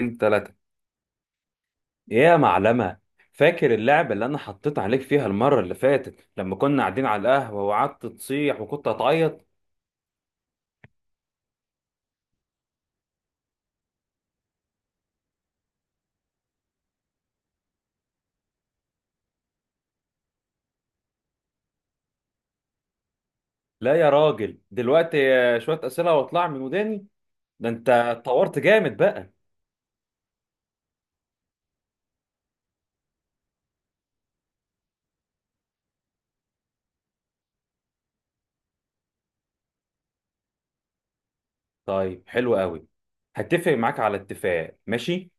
اتنين تلاتة. ايه يا معلمة؟ فاكر اللعبة اللي أنا حطيت عليك فيها المرة اللي فاتت لما كنا قاعدين على القهوة وقعدت تصيح وكنت هتعيط؟ لا يا راجل، دلوقتي شوية أسئلة واطلع من وداني؟ ده أنت اتطورت جامد بقى. طيب حلو قوي. هتفق معاك على اتفاق، ماشي؟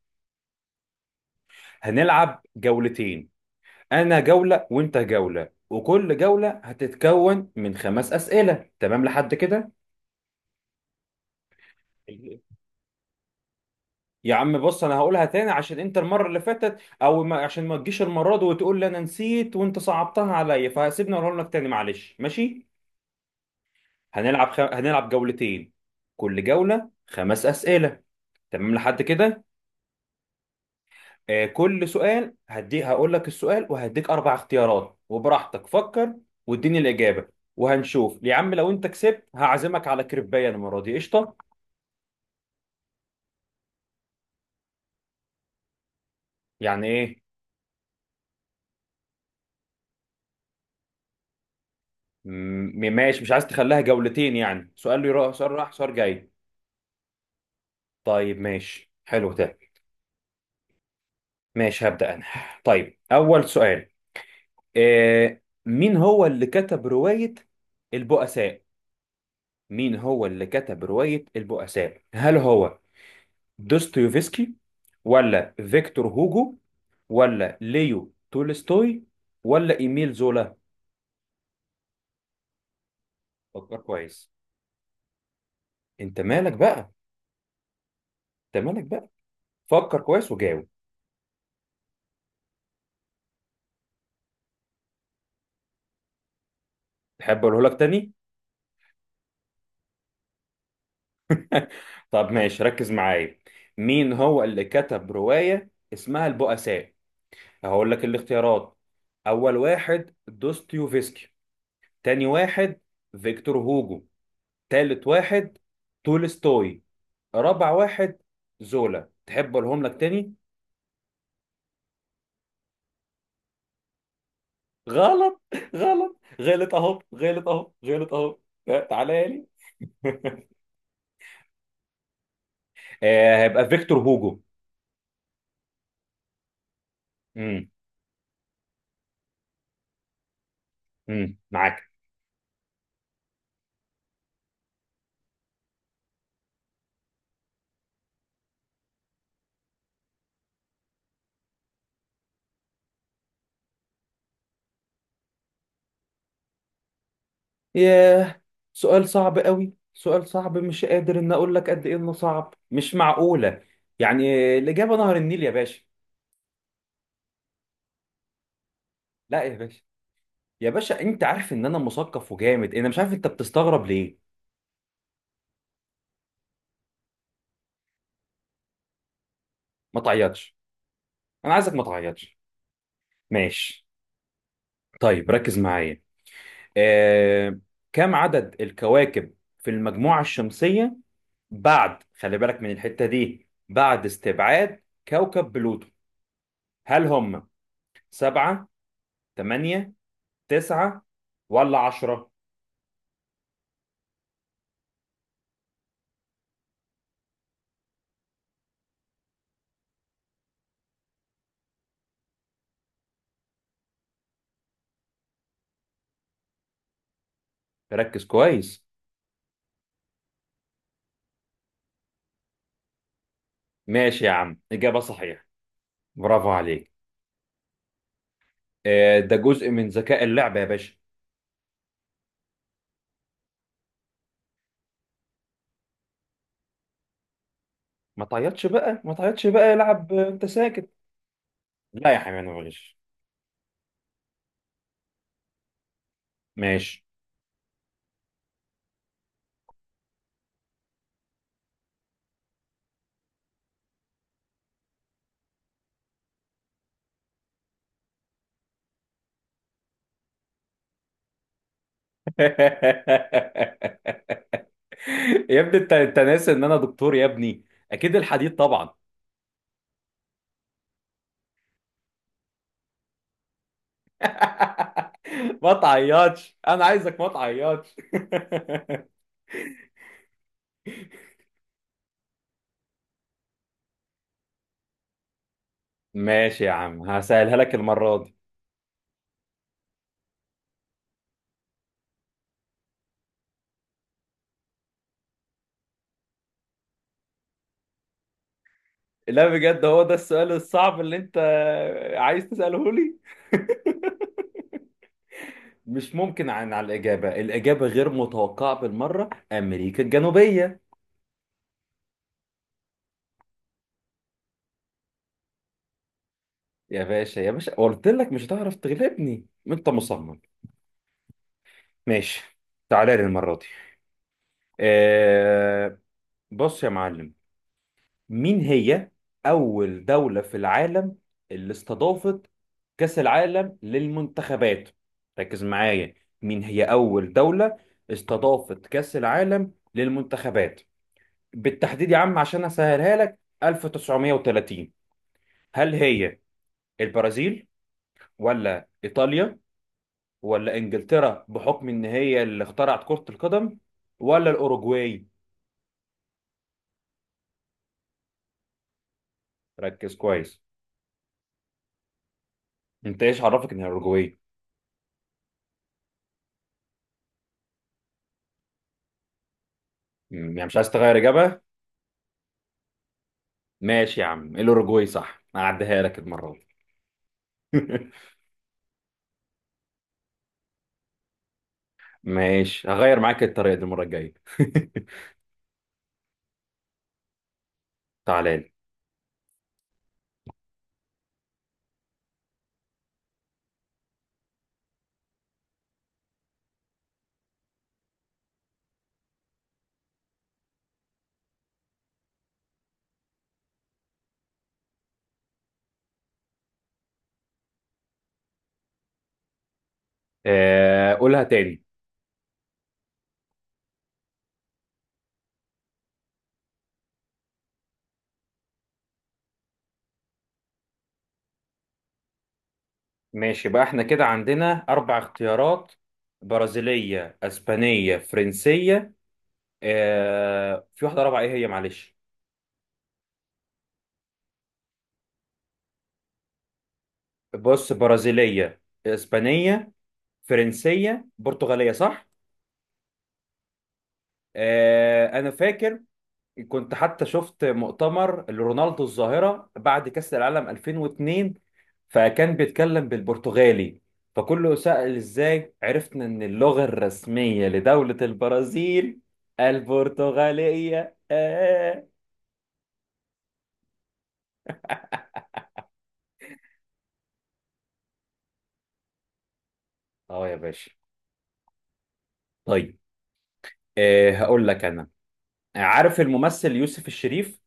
هنلعب جولتين. أنا جولة وأنت جولة، وكل جولة هتتكون من خمس أسئلة. تمام لحد كده؟ يا عم بص، انا هقولها تاني عشان انت المره اللي فاتت او ما عشان ما تجيش المره دي وتقول لي انا نسيت وانت صعبتها عليا، فسيبني اقولها لك تاني، معلش، ماشي. هنلعب جولتين. كل جوله خمس اسئله. تمام لحد كده. آه كل سؤال هدي هقول لك السؤال وهديك اربع اختيارات، وبراحتك فكر واديني الاجابه. وهنشوف يا عم، لو انت كسبت هعزمك على كريبايه المره دي، قشطه. يعني ايه؟ ماشي، مش عايز تخليها جولتين، يعني سؤال يروح سؤال، راح سؤال جاي؟ طيب ماشي، حلو ده. ماشي هبدأ أنا. طيب أول سؤال. مين هو اللي كتب رواية البؤساء؟ مين هو اللي كتب رواية البؤساء؟ هل هو دوستويفسكي، ولا فيكتور هوجو، ولا ليو تولستوي، ولا إيميل زولا؟ فكر كويس. أنت مالك بقى؟ أنت مالك بقى؟ فكر كويس وجاوب. تحب أقوله لك تاني؟ طب ماشي، ركز معايا. مين هو اللي كتب رواية اسمها البؤساء؟ هقول لك الاختيارات. اول واحد دوستويفسكي. تاني واحد فيكتور هوجو. تالت واحد تولستوي. رابع واحد زولا. تحب اقولهم لك تاني؟ غلط، غلط، غلط اهو، غلط اهو، غلط اهو. لا، تعالى لي. آه، هيبقى فيكتور هوجو. امم معاك. ياه، سؤال صعب قوي، سؤال صعب، مش قادر ان اقول لك قد ايه انه صعب، مش معقولة. يعني الاجابة نهر النيل يا باشا. لا يا باشا، يا باشا انت عارف ان انا مثقف وجامد، انا مش عارف انت بتستغرب ليه. ما تعيطش، انا عايزك ما تعيطش. ماشي. طيب ركز معايا. آه... كم عدد الكواكب في المجموعة الشمسية، بعد خلي بالك من الحتة دي، بعد استبعاد كوكب بلوتو؟ هل هم سبعة، تمانية، تسعة، ولا عشرة؟ ركز كويس. ماشي يا عم، إجابة صحيحة، برافو عليك. ده جزء من ذكاء اللعبة يا باشا. ما تعيطش بقى، ما تعيطش بقى، يلعب انت ساكت. لا يا حبيبي، انا معلش. ماشي. يا ابني، انت ناسي ان انا دكتور يا ابني. اكيد الحديد طبعا. ما تعيطش، انا عايزك ما تعيطش. ماشي يا عم، هسألها لك المرة دي. لا بجد، هو ده السؤال الصعب اللي انت عايز تسأله لي؟ مش ممكن على الإجابة، الإجابة غير متوقعة بالمرة، أمريكا الجنوبية. يا باشا، يا باشا قلت لك مش هتعرف تغلبني، انت مصمم. ماشي. تعالى لي المرة دي. آه، بص يا معلم. مين هي أول دولة في العالم اللي استضافت كأس العالم للمنتخبات؟ ركز معايا. مين هي أول دولة استضافت كأس العالم للمنتخبات بالتحديد يا عم، عشان أسهلها لك، 1930؟ هل هي البرازيل، ولا إيطاليا، ولا انجلترا بحكم ان هي اللي اخترعت كرة القدم، ولا الاوروجواي؟ ركز كويس. انت ايش عرفك ان هي الاوروجواي؟ يعني مش عايز تغير اجابة؟ ماشي يا عم، الاوروجواي صح، هعديها لك المرة دي. ماشي، هغير معاك الطريقة دي المرة الجاية. تعالى لي. آه، قولها تاني. ماشي بقى، احنا كده عندنا اربع اختيارات. برازيلية، اسبانية، فرنسية. في واحدة رابعة، ايه هي، معلش. بص، برازيلية، اسبانية، فرنسية، برتغالية، صح؟ آه أنا فاكر، كنت حتى شفت مؤتمر لرونالدو الظاهرة بعد كأس العالم 2002، فكان بيتكلم بالبرتغالي. فكله سأل، إزاي عرفنا إن اللغة الرسمية لدولة البرازيل البرتغالية. آه، آه يا باشا طيب. هقول لك أنا، عارف الممثل يوسف الشريف؟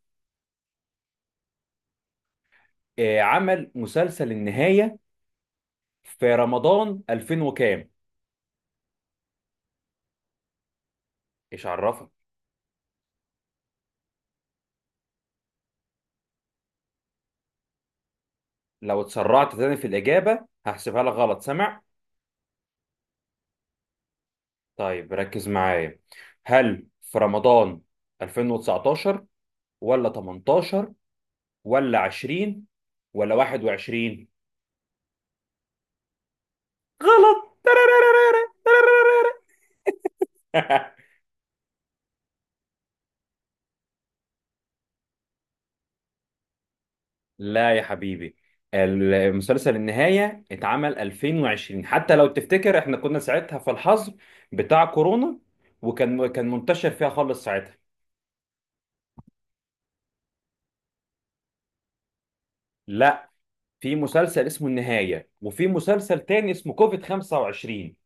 عمل مسلسل النهاية في رمضان 2000 وكام؟ ايش عرفك؟ لو اتسرعت تاني في الإجابة هحسبها لك غلط، سامع؟ طيب ركز معايا، هل في رمضان 2019، ولا 18، ولا 20، ولا 21؟ غلط. لا يا حبيبي، المسلسل النهاية اتعمل 2020، حتى لو تفتكر احنا كنا ساعتها في الحظر بتاع كورونا، وكان كان منتشر فيها خالص ساعتها. لا، في مسلسل اسمه النهاية، وفي مسلسل تاني اسمه كوفيد 25.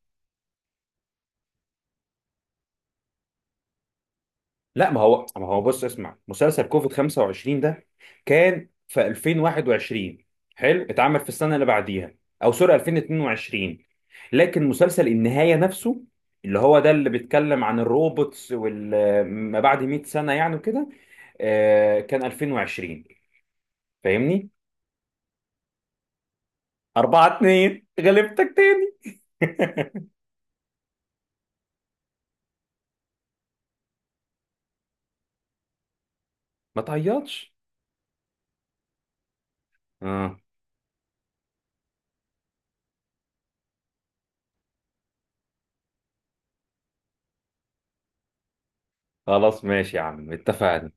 لا ما هو، بص اسمع، مسلسل كوفيد 25 ده كان في 2021، حلو، اتعمل في السنة اللي بعديها، او سوري 2022. لكن مسلسل النهاية نفسه، اللي هو ده اللي بيتكلم عن الروبوتس وال ما بعد 100 سنة يعني وكده، كان 2020، فاهمني؟ 4-2 غلبتك تاني. ما تعيطش. اه، خلاص ماشي يا عم، اتفقنا.